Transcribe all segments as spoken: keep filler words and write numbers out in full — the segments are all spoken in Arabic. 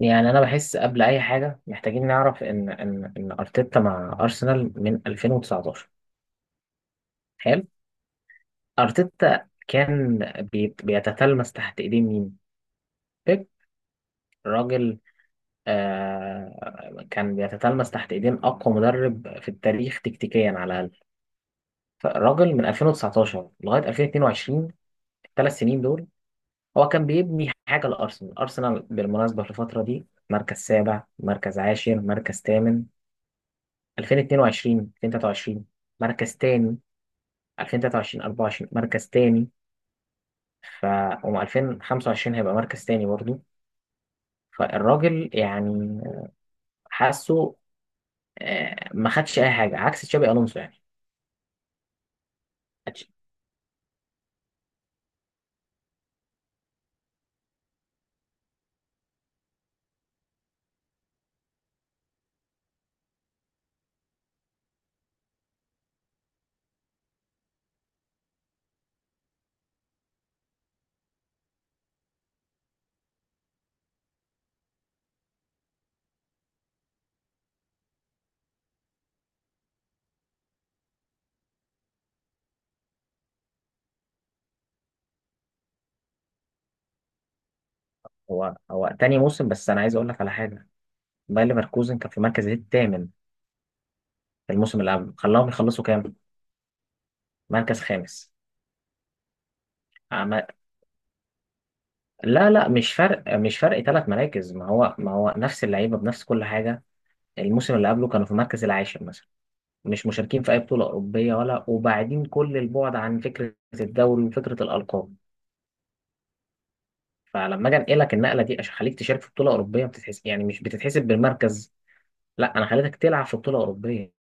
يعني انا بحس قبل اي حاجه محتاجين نعرف ان ان ان ارتيتا مع ارسنال من ألفين وتسعتاشر. حلو. ارتيتا كان بي- بيتتلمس تحت ايدين مين؟ بيب. راجل. آه كان بيتتلمس تحت ايدين اقوى مدرب في التاريخ تكتيكيا على الاقل. فالراجل من ألفين وتسعتاشر لغايه ألفين واتنين وعشرين، الثلاث سنين دول، هو كان بيبني حاجه لارسنال. ارسنال بالمناسبه في الفتره دي مركز سابع، مركز عاشر، مركز ثامن. ألفين واتنين وعشرين، ألفين وتلاته وعشرين مركز تاني. ألفين وتلاته وعشرين اربعه وعشرين مركز تاني. ف وم ألفين وخمسه وعشرين هيبقى مركز تاني برضه. فالراجل يعني حاسه، آه، ما خدش اي حاجه عكس تشابي الونسو يعني. خدش- هو هو تاني موسم. بس انا عايز اقول لك على حاجه. باير ليفركوزن كان في المركز الثامن في الموسم اللي قبل، خلاهم يخلصوا كام؟ مركز خامس. عم- لا لا، مش فرق مش فرق ثلاث مراكز. ما هو ما هو نفس اللعيبه بنفس كل حاجه. الموسم اللي قبله كانوا في المركز العاشر مثلا، مش مشاركين في اي بطوله اوروبيه ولا، وبعدين كل البعد عن فكره الدوري وفكره الالقاب. فلما اجي انقلك النقله دي عشان اخليك تشارك في بطوله اوروبيه، بتتحس يعني مش بتتحسب بالمركز. لا، انا خليتك تلعب في بطوله اوروبيه.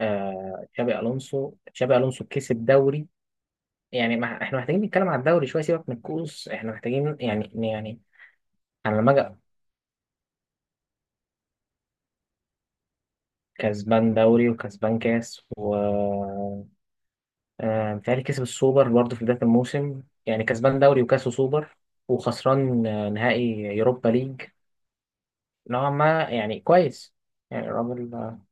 آه تشابي الونسو، تشابي الونسو كسب دوري. يعني ما احنا محتاجين نتكلم على الدوري شويه، سيبك من الكؤوس، احنا محتاجين يعني يعني انا لما اجي كسبان دوري وكسبان كاس و آه، متهيألي كسب السوبر برضه في بداية الموسم. يعني كسبان دوري وكاس وسوبر وخسران آه، نهائي يوروبا ليج. نوعا ما يعني كويس. يعني الراجل آه،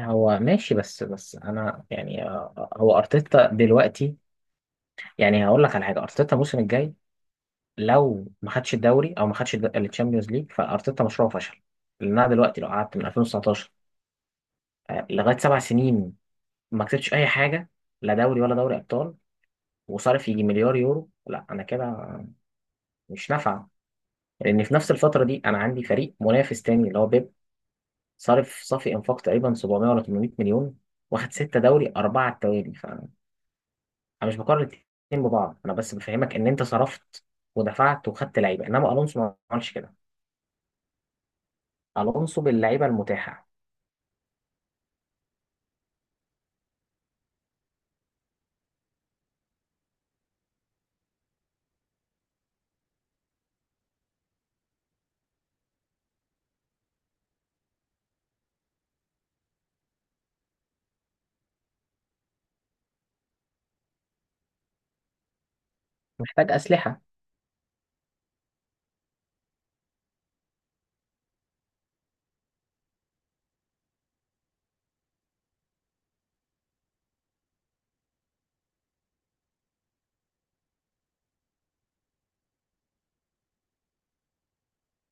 هو ماشي. بس بس انا يعني آه، هو ارتيتا دلوقتي. يعني هقول لك على حاجه، ارتيتا الموسم الجاي لو ما خدش الدوري او ما خدش الشامبيونز ليج فارتيتا مشروعه فشل. لان انا دلوقتي لو قعدت من ألفين وتسعتاشر آه، لغايه سبع سنين ما كسبتش اي حاجه، لا دوري ولا دوري ابطال، وصارف يجي مليار يورو، لا انا كده مش نافعه. لان في نفس الفتره دي انا عندي فريق منافس تاني اللي هو بيب، صارف صافي انفاق تقريبا سبعمئة ولا ثمانمائة مليون، واخد ستة دوري اربعه على التوالي. فانا مش بقارن الاتنين ببعض، انا بس بفهمك ان انت صرفت ودفعت وخدت لعيبه، انما الونسو ما عملش كده. الونسو باللعيبه المتاحه. محتاج اسلحه.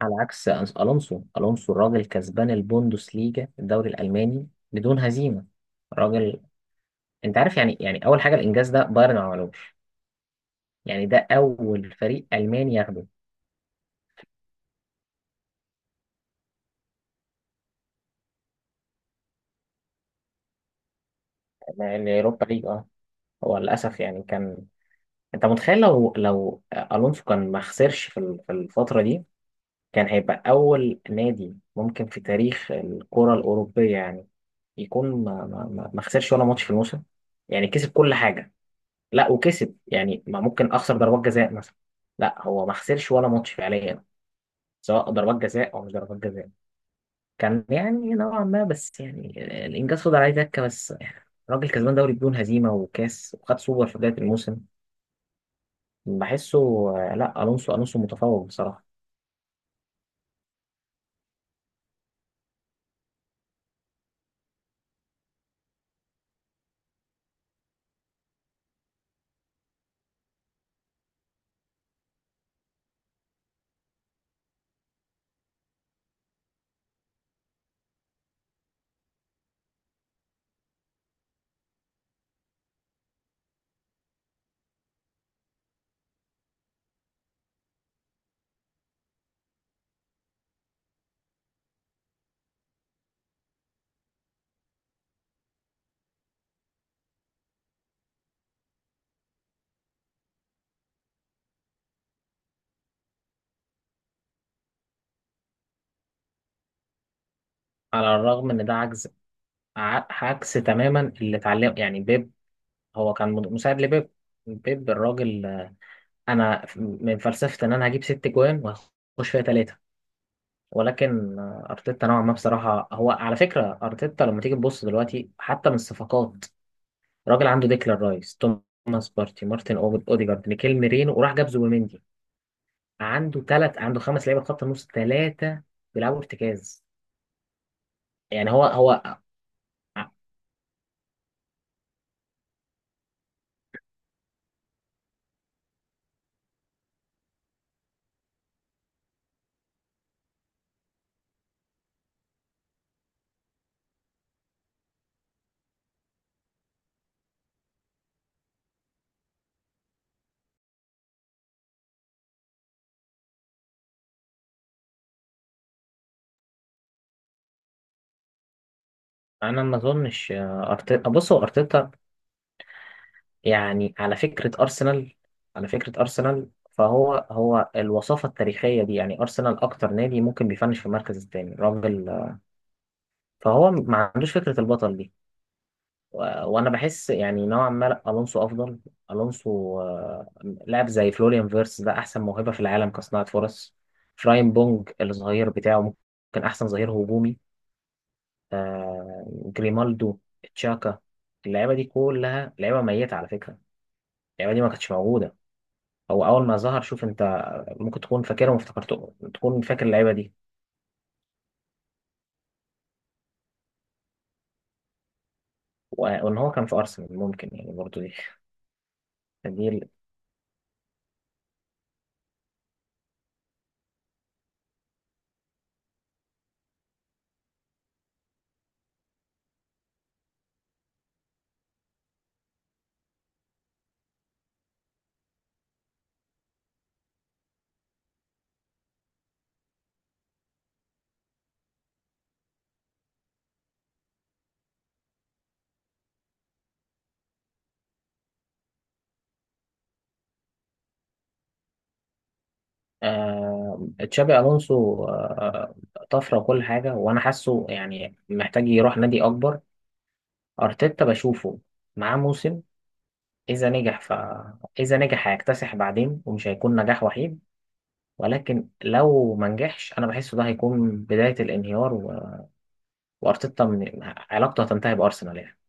على عكس أنس- الونسو الونسو الراجل كسبان البوندوس ليجا الدوري الالماني بدون هزيمه. راجل. انت عارف يعني يعني اول حاجه الانجاز ده بايرن ما عملوش. يعني ده اول فريق الماني ياخده. اليوروبا ليج اه. هو للاسف يعني كان. انت متخيل لو لو الونسو كان ما خسرش في ال- في الفتره دي، كان هيبقى اول نادي ممكن في تاريخ الكره الاوروبيه يعني، يكون ما ما ما ما خسرش ولا ماتش في الموسم. يعني كسب كل حاجه. لا وكسب يعني، ما ممكن اخسر ضربات جزاء مثلا. لا هو ما خسرش ولا ماتش فعليا، سواء ضربات جزاء او مش ضربات جزاء. كان يعني نوعا ما، بس يعني الانجاز فضل عليه دكه بس يعني. راجل كسبان دوري بدون هزيمه وكاس وخد سوبر في بدايه الموسم. بحسه. آه، لا، الونسو الونسو متفوق بصراحه. على الرغم ان ده عجز. ع- عكس تماما اللي اتعلم يعني بيب. هو كان مد- مساعد لبيب. بيب الراجل آه، انا ف- من فلسفه ان انا هجيب ست جوان واخش فيها ثلاثه. ولكن آه، ارتيتا نوعا ما بصراحه، هو على فكره ارتيتا لما تيجي تبص دلوقتي حتى من الصفقات، الراجل عنده ديكلان رايس، توماس بارتي، مارتن أو- اوديجارد، ميكيل ميرينو، وراح جاب زوبيمندي. عنده ثلاث، عنده خمس لعيبه خط النص ثلاثه بيلعبوا ارتكاز. يعني هو هو. انا ما اظنش آه، ارتيتا بص، هو ارتيتا يعني، على فكره ارسنال على فكره ارسنال فهو هو الوصافه التاريخيه دي يعني ارسنال اكتر نادي ممكن بيفنش في المركز الثاني، راجل آه، فهو ما عندوش فكره البطل دي. و- وانا بحس يعني نوعا ما، لأ، الونسو افضل. الونسو آه، لاعب زي فلوريان فيرس ده احسن موهبه في العالم كصناعه فرص. فراين بونج الظهير بتاعه ممكن احسن ظهير هجومي. آه جريمالدو، تشاكا. اللعيبه دي كلها لعيبه ميته على فكره. اللعيبه دي ما كانتش موجوده. هو اول ما ظهر شوف انت ممكن تكون فاكرهم، افتكرته تكون فاكر اللعيبه دي و- وان هو كان في ارسنال ممكن يعني برضو دي. دي ال- آه تشابي الونسو آه. طفره وكل حاجه، وانا حاسه يعني محتاج يروح نادي اكبر. ارتيتا بشوفه معاه موسم. اذا نجح ف اذا نجح هيكتسح بعدين ومش هيكون نجاح وحيد. ولكن لو ما نجحش انا بحسه ده هيكون بدايه الانهيار و... وارتيتا من... علاقته هتنتهي بارسنال يعني.